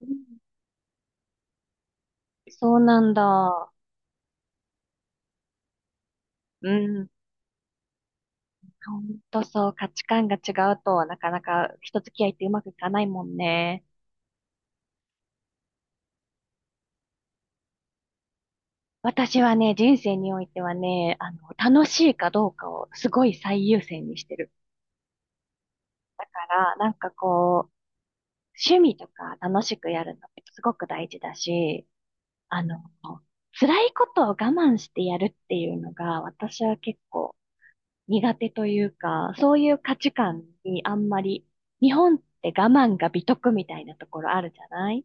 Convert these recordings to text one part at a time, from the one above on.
うん。そうなんだ。うん。ほんとそう、価値観が違うと、なかなか人付き合いってうまくいかないもんね。私はね、人生においてはね、楽しいかどうかをすごい最優先にしてるから、なんかこう、趣味とか楽しくやるのってすごく大事だし、あの、辛いことを我慢してやるっていうのが、私は結構苦手というか、そういう価値観にあんまり、日本って我慢が美徳みたいなところあるじゃない。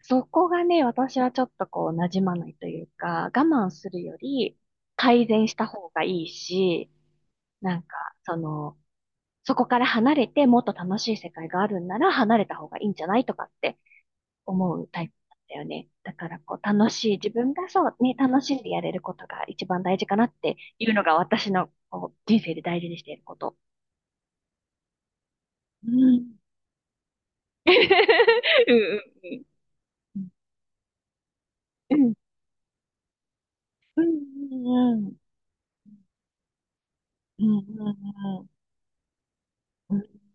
そこがね、私はちょっとこう、馴染まないというか、我慢するより改善した方がいいし、なんか、その、そこから離れてもっと楽しい世界があるんなら離れた方がいいんじゃないとかって思うタイプだったよね。だからこう楽しい、自分がそうね、楽しんでやれることが一番大事かなっていうのが私のこう人生で大事にしていること。うん。うんうん。うん。うん。うん。うん。うん。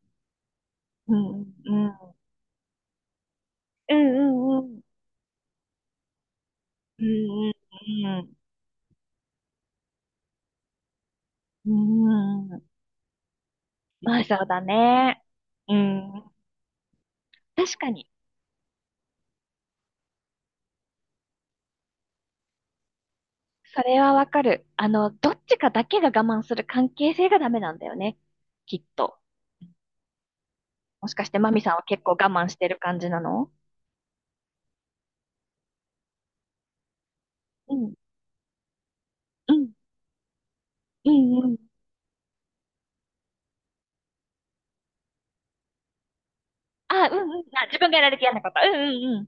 うん。うん。うん。うん。うん。うん。まあそうだね。うん。確かに。それはわかる。どっちかだけが我慢する関係性がダメなんだよね。きっと。もしかしてマミさんは結構我慢してる感じなの？うん。うん。うんうん。あ、うんうん。うあ、自分がやられて嫌なこと。うんうん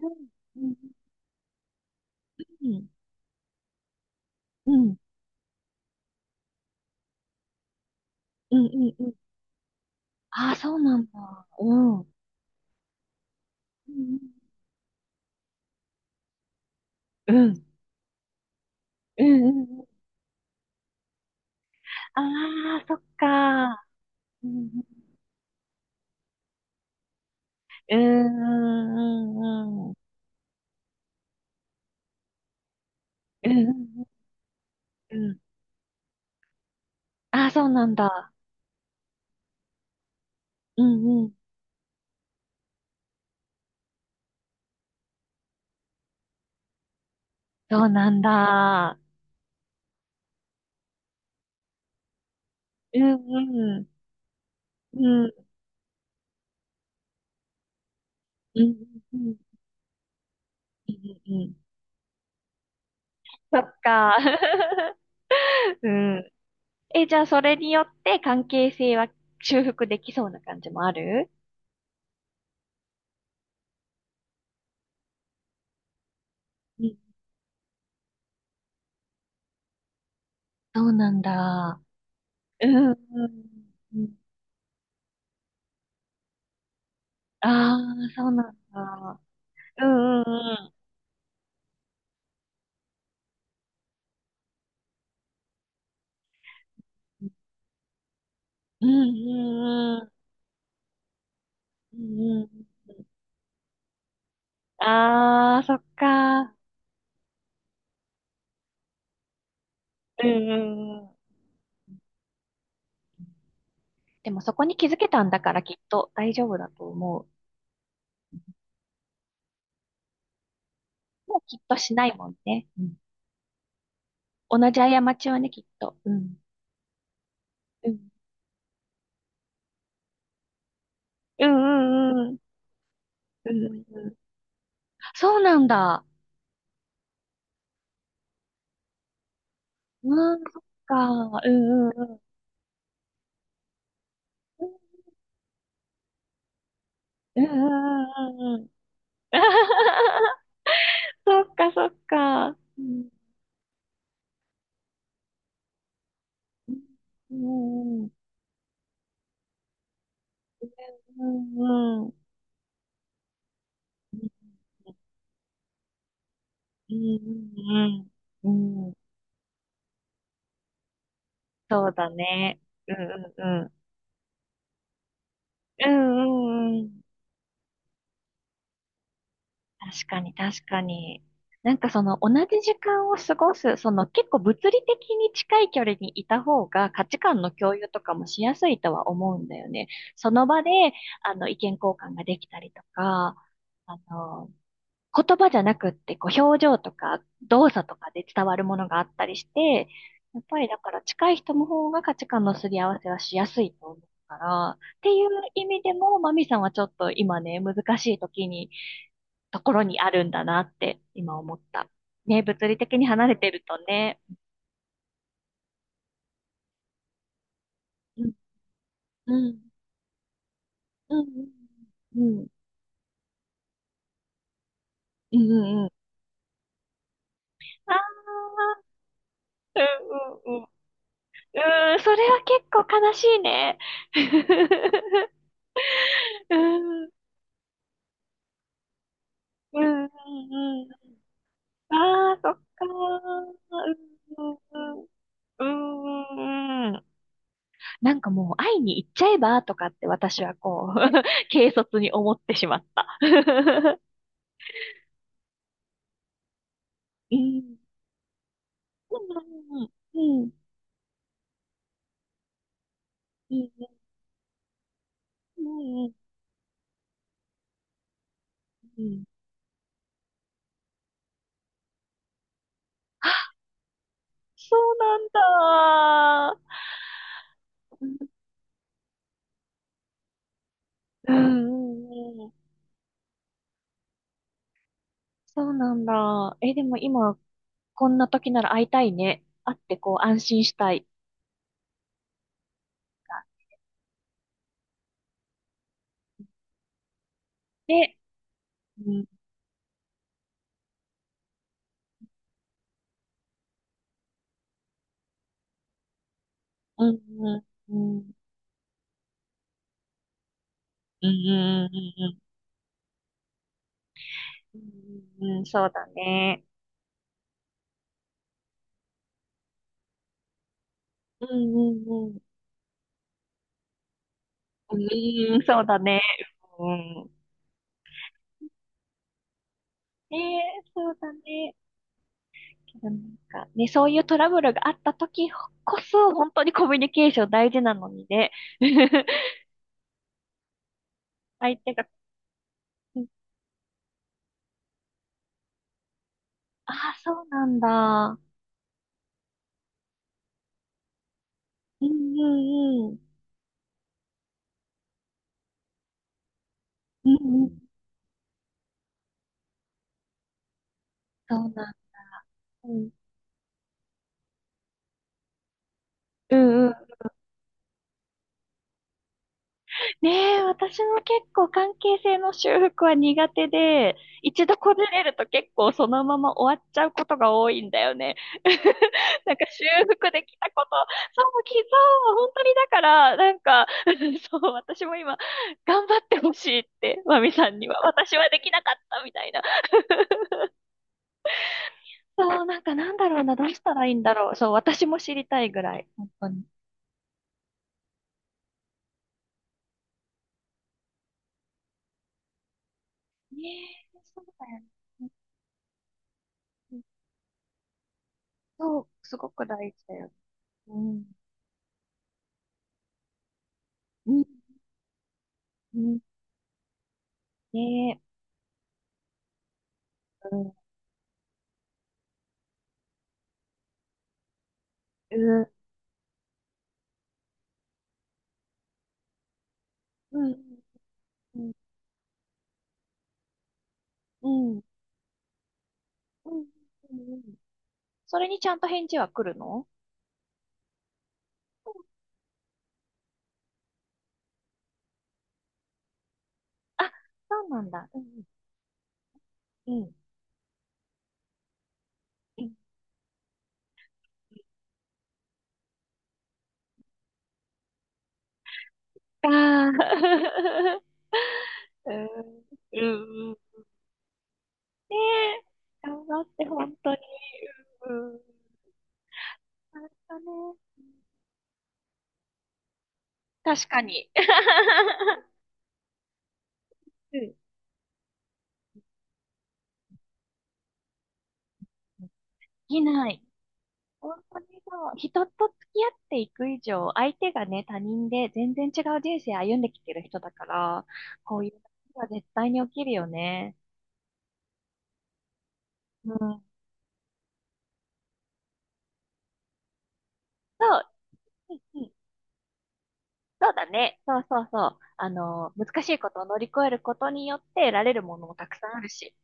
うん。うん。うん。うん。うんうんうん。ああー、そうなんだ。うん。うんうん。うん。うんうんうん。ああー、そっか。うん。うんうんうんうん。うんうんうん。ああー、そうなんだ。うんうん。そうなんだ。うんうん。うんうんうんうん。うんうん。ああ、そっか。うん。え、じゃあそれによって関係性は修復できそうな感じもある？うん。そうなんだ。うんうんうん。ああ、そうなんだ。うんうんうん。うんうんうん。うんうんうん。ああ、そっか。うんうんうん。でもそこに気づけたんだからきっと大丈夫だと思う。もうきっとしないもんね。うん、同じ過ちはね、きっと。うん。うん。うんうんうん。うんうんうん。そうなんだ。うん、そっか。うんうんうん。うんうんうんうんうん。そっか、そっか。うん、うん、うん、うん、うん、うん、うん、うん、そうだね。うん、うん、うん。うん、うん、うん。確かに、確かに。なんかその同じ時間を過ごす、その結構物理的に近い距離にいた方が価値観の共有とかもしやすいとは思うんだよね。その場で、意見交換ができたりとか、あの、言葉じゃなくって、こう、表情とか動作とかで伝わるものがあったりして、やっぱりだから近い人の方が価値観のすり合わせはしやすいと思うから、っていう意味でも、マミさんはちょっと今ね、難しい時に、ところにあるんだなって今思った。ね、物理的に離れてるとね、うん、うん、うん、うん、うん、うん、うん。うん。ああ、うん、うん、うん。うーん、それは結構悲しいね。うーん。うんうんうん。ああ、そっかー。うんうんうん。うんうんうん。なんかもう会いに行っちゃえばとかって私はこう、軽率に思ってしまった。うん。うんうんうん。うんうんうんうんうん。そうなんだ。うんうんうん。そうなんだ。え、でも今、こんな時なら会いたいね。会ってこう安心したい。で、うんうん、うん、うん、うん、うん、うん、うんうん。そうだね。うん、うん、うん。うん、そうだね。うん。ねえ、そうだね。けどなんか、ね、そういうトラブルがあった時こそ、本当にコミュニケーション大事なのにね。相手が、うん。ああ、そうなんだ。うん、うん、うん。うん、うん。そうなん。うん、うん、うん。ねえ、私も結構関係性の修復は苦手で、一度こじれると結構そのまま終わっちゃうことが多いんだよね。なんか修復できたこと、そう、きそう、本当にだから、なんか、そう、私も今、頑張ってほしいって、マミさんには、私はできなかったみたいな。そう、なんかなんだろうな、どうしたらいいんだろう。そう、私も知りたいぐらい、本当に。ねえ、そうだよね。そう、すごく大事だよね。うん。うんうん、ねえ、うん、うん、うん、うん、うん、うん、うん、うん。それにちゃんと返事は来るの？うん。あ、そうなんだ。うん、うん、うん。ああー、うん、うん、うん。ねえ、頑張って、本当に。うん、うん。あれだね。確かに。うん。できない。本当にそう、人と付き合っていく以上、相手がね、他人で全然違う人生歩んできてる人だから、こういうことは絶対に起きるよね。うん。そう、うん。そうだね。そうそうそう。難しいことを乗り越えることによって得られるものもたくさんあるし。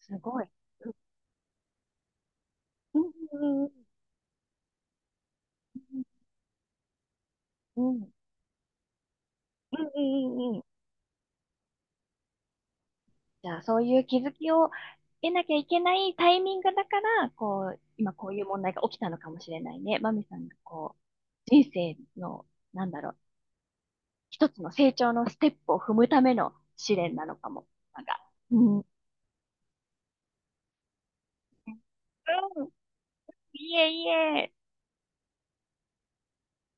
すごい。うん、うん、うん、うん、うん、うん、うん、うんうんうん。じゃあ、そういう気づきを得なきゃいけないタイミングだから、こう、今こういう問題が起きたのかもしれないね。マミさんがこう、人生の、なんだろう、一つの成長のステップを踏むための試練なのかも。なんか、うん。うん。いえいえ。